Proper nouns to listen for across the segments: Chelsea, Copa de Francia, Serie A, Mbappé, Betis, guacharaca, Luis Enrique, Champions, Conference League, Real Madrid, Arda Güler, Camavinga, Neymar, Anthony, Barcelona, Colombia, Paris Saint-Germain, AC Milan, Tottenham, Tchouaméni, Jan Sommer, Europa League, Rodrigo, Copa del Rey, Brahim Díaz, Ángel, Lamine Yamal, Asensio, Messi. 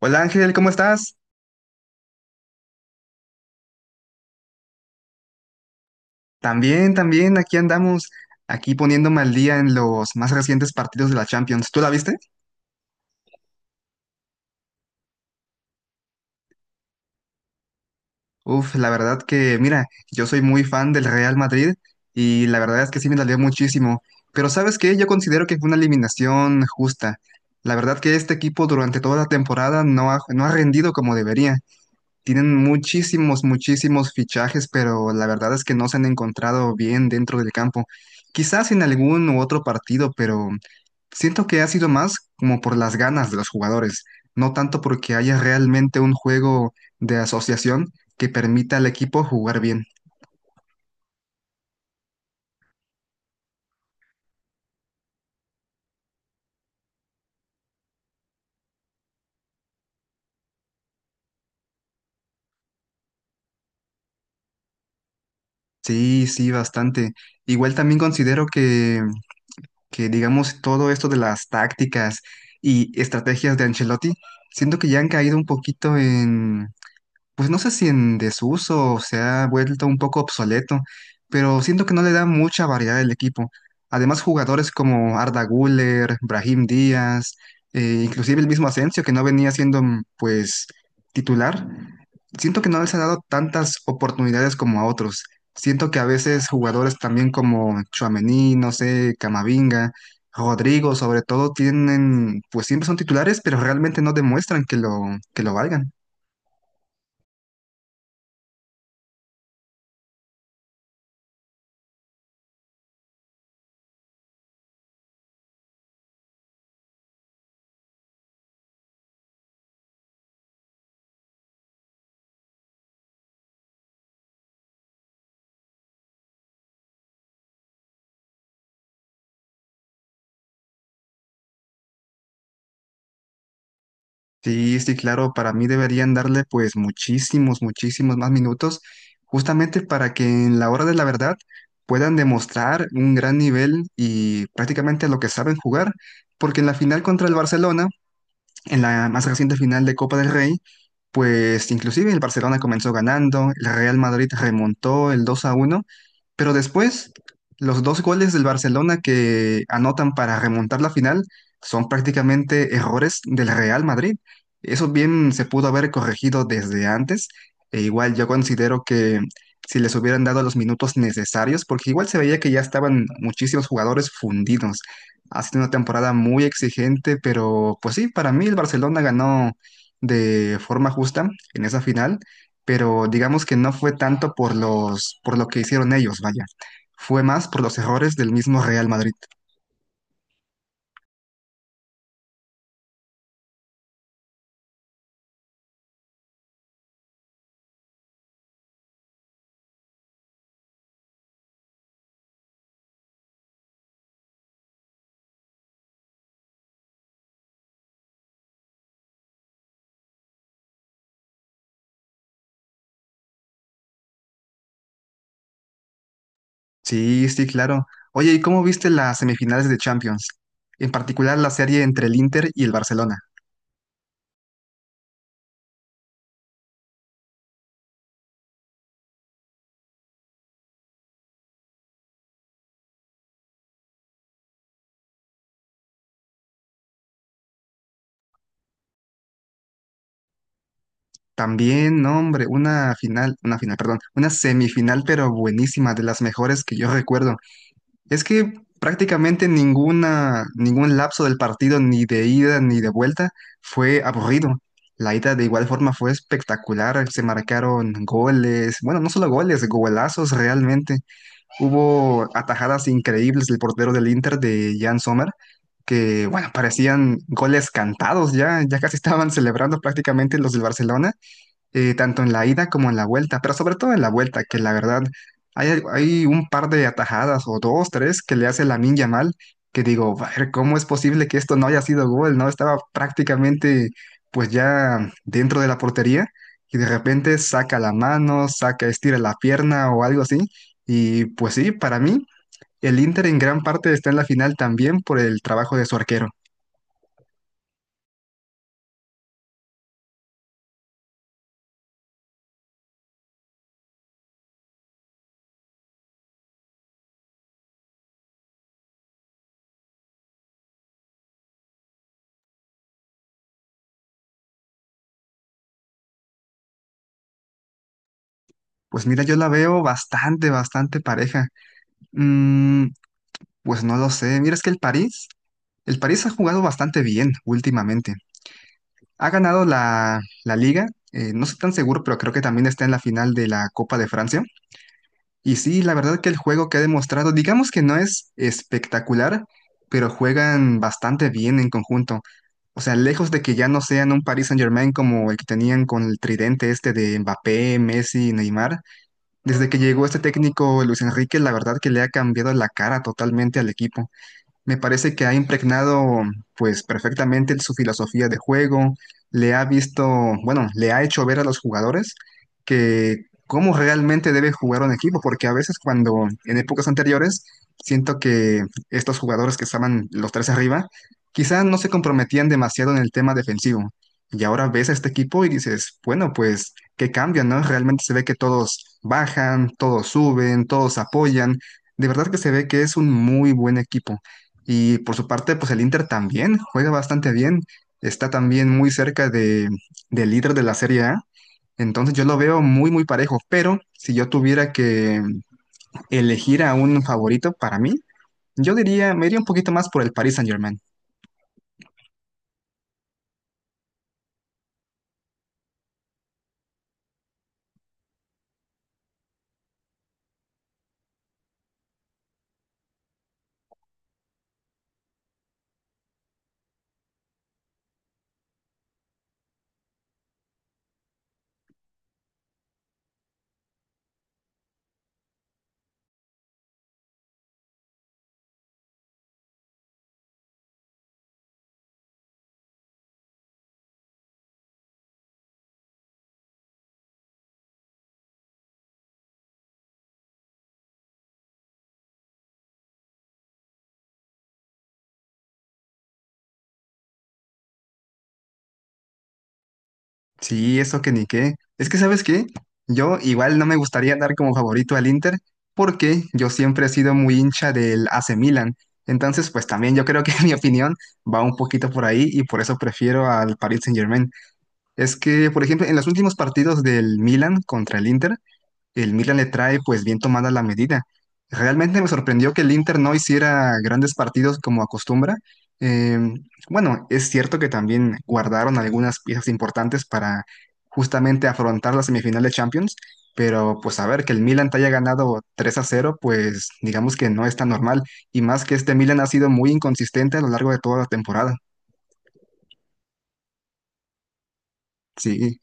Hola Ángel, ¿cómo estás? También, también, aquí andamos, aquí poniéndome al día en los más recientes partidos de la Champions. ¿Tú la viste? Uf, la verdad que, mira, yo soy muy fan del Real Madrid y la verdad es que sí me dolió muchísimo. Pero ¿sabes qué? Yo considero que fue una eliminación justa. La verdad que este equipo durante toda la temporada no ha rendido como debería. Tienen muchísimos, muchísimos fichajes, pero la verdad es que no se han encontrado bien dentro del campo. Quizás en algún u otro partido, pero siento que ha sido más como por las ganas de los jugadores, no tanto porque haya realmente un juego de asociación que permita al equipo jugar bien. Sí, sí, bastante. Igual también considero que, digamos, todo esto de las tácticas y estrategias de Ancelotti, siento que ya han caído un poquito, pues no sé si en desuso, se ha vuelto un poco obsoleto, pero siento que no le da mucha variedad al equipo. Además, jugadores como Arda Güler, Brahim Díaz, inclusive el mismo Asensio, que no venía siendo pues titular, siento que no les ha dado tantas oportunidades como a otros. Siento que a veces jugadores también como Tchouaméni, no sé, Camavinga, Rodrigo, sobre todo, tienen, pues siempre son titulares, pero realmente no demuestran que lo valgan. Sí, sí, claro, para mí deberían darle pues muchísimos, muchísimos más minutos, justamente para que en la hora de la verdad puedan demostrar un gran nivel y prácticamente lo que saben jugar, porque en la final contra el Barcelona, en la más reciente final de Copa del Rey, pues inclusive el Barcelona comenzó ganando, el Real Madrid remontó el 2 a 1, pero después los dos goles del Barcelona que anotan para remontar la final son prácticamente errores del Real Madrid. Eso bien se pudo haber corregido desde antes. E igual yo considero que si les hubieran dado los minutos necesarios, porque igual se veía que ya estaban muchísimos jugadores fundidos. Ha sido una temporada muy exigente, pero pues sí, para mí el Barcelona ganó de forma justa en esa final, pero digamos que no fue tanto por los, por lo que hicieron ellos, vaya. Fue más por los errores del mismo Real Madrid. Sí, sí, claro. Oye, ¿y cómo viste las semifinales de Champions? En particular la serie entre el Inter y el Barcelona. También, no, hombre, perdón, una semifinal, pero buenísima, de las mejores que yo recuerdo. Es que prácticamente ningún lapso del partido, ni de ida ni de vuelta, fue aburrido. La ida de igual forma fue espectacular, se marcaron goles, bueno, no solo goles, golazos realmente. Hubo atajadas increíbles del portero del Inter, de Jan Sommer, que bueno, parecían goles cantados, ya, ya casi estaban celebrando prácticamente los del Barcelona, tanto en la ida como en la vuelta, pero sobre todo en la vuelta, que la verdad hay un par de atajadas, o dos, tres, que le hace Lamine Yamal, que digo, a ver, ¿cómo es posible que esto no haya sido gol, no? Estaba prácticamente pues ya dentro de la portería y de repente saca la mano, saca, estira la pierna o algo así, y pues sí, para mí el Inter en gran parte está en la final también por el trabajo de su arquero. Pues mira, yo la veo bastante, bastante pareja. Mm, Pues no lo sé. Mira, es que el París ha jugado bastante bien últimamente. Ha ganado la liga, no estoy tan seguro, pero creo que también está en la final de la Copa de Francia. Y sí, la verdad que el juego que ha demostrado, digamos que no es espectacular, pero juegan bastante bien en conjunto. O sea, lejos de que ya no sean un Paris Saint-Germain como el que tenían con el tridente este de Mbappé, Messi y Neymar, desde que llegó este técnico Luis Enrique, la verdad que le ha cambiado la cara totalmente al equipo. Me parece que ha impregnado pues perfectamente su filosofía de juego, le ha visto, bueno, le ha hecho ver a los jugadores que cómo realmente debe jugar un equipo, porque a veces cuando en épocas anteriores siento que estos jugadores que estaban los tres arriba, quizás no se comprometían demasiado en el tema defensivo. Y ahora ves a este equipo y dices, bueno, pues qué cambio, ¿no? Realmente se ve que todos bajan, todos suben, todos apoyan. De verdad que se ve que es un muy buen equipo. Y por su parte, pues el Inter también juega bastante bien. Está también muy cerca de, del líder de la Serie A. Entonces yo lo veo muy, muy parejo. Pero si yo tuviera que elegir a un favorito, para mí, yo diría, me iría un poquito más por el Paris Saint-Germain. Sí, eso que ni qué. Es que, ¿sabes qué? Yo igual no me gustaría dar como favorito al Inter porque yo siempre he sido muy hincha del AC Milan. Entonces, pues también yo creo que mi opinión va un poquito por ahí, y por eso prefiero al Paris Saint-Germain. Es que, por ejemplo, en los últimos partidos del Milan contra el Inter, el Milan le trae pues bien tomada la medida. Realmente me sorprendió que el Inter no hiciera grandes partidos como acostumbra. Eh, bueno, es cierto que también guardaron algunas piezas importantes para justamente afrontar la semifinal de Champions, pero pues a ver, que el Milan te haya ganado 3-0, pues digamos que no es tan normal, y más que este Milan ha sido muy inconsistente a lo largo de toda la temporada. Sí.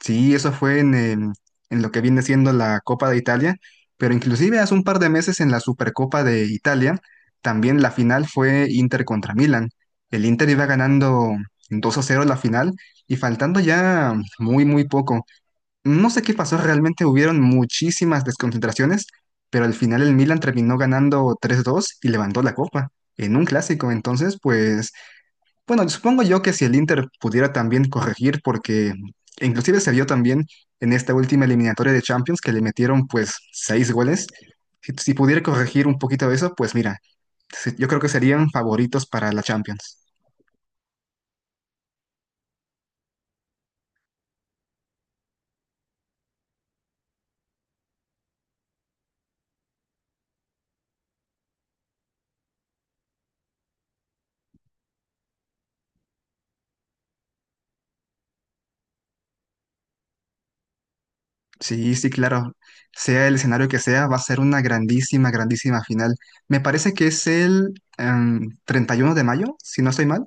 Sí, eso fue en, en lo que viene siendo la Copa de Italia, pero inclusive hace un par de meses en la Supercopa de Italia, también la final fue Inter contra Milan. El Inter iba ganando 2-0 la final, y faltando ya muy, muy poco, no sé qué pasó, realmente hubieron muchísimas desconcentraciones, pero al final el Milan terminó ganando 3 dos y levantó la copa en un clásico. Entonces, pues bueno, supongo yo que si el Inter pudiera también corregir, porque inclusive se vio también en esta última eliminatoria de Champions que le metieron pues 6 goles. Si pudiera corregir un poquito eso, pues mira, se- yo creo que serían favoritos para la Champions. Sí, sí, claro. Sea el escenario que sea, va a ser una grandísima, grandísima final. Me parece que es el 31 de mayo, si no estoy mal.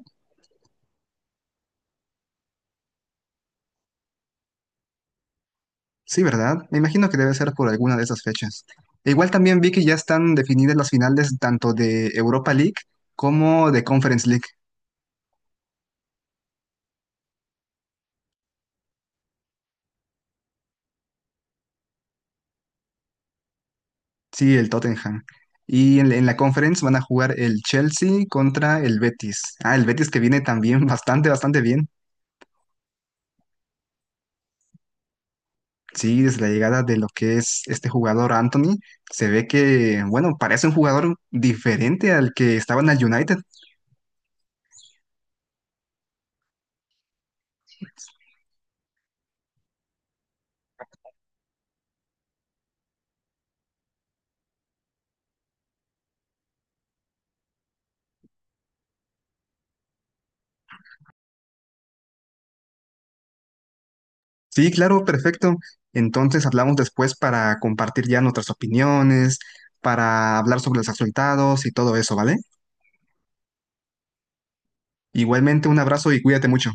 Sí, ¿verdad? Me imagino que debe ser por alguna de esas fechas. E igual también vi que ya están definidas las finales tanto de Europa League como de Conference League. Sí, el Tottenham. Y en la Conference van a jugar el Chelsea contra el Betis. Ah, el Betis que viene también bastante, bastante bien. Sí, desde la llegada de lo que es este jugador Anthony, se ve que, bueno, parece un jugador diferente al que estaba en el United. Sí, claro, perfecto. Entonces hablamos después para compartir ya nuestras opiniones, para hablar sobre los resultados y todo eso, ¿vale? Igualmente, un abrazo y cuídate mucho.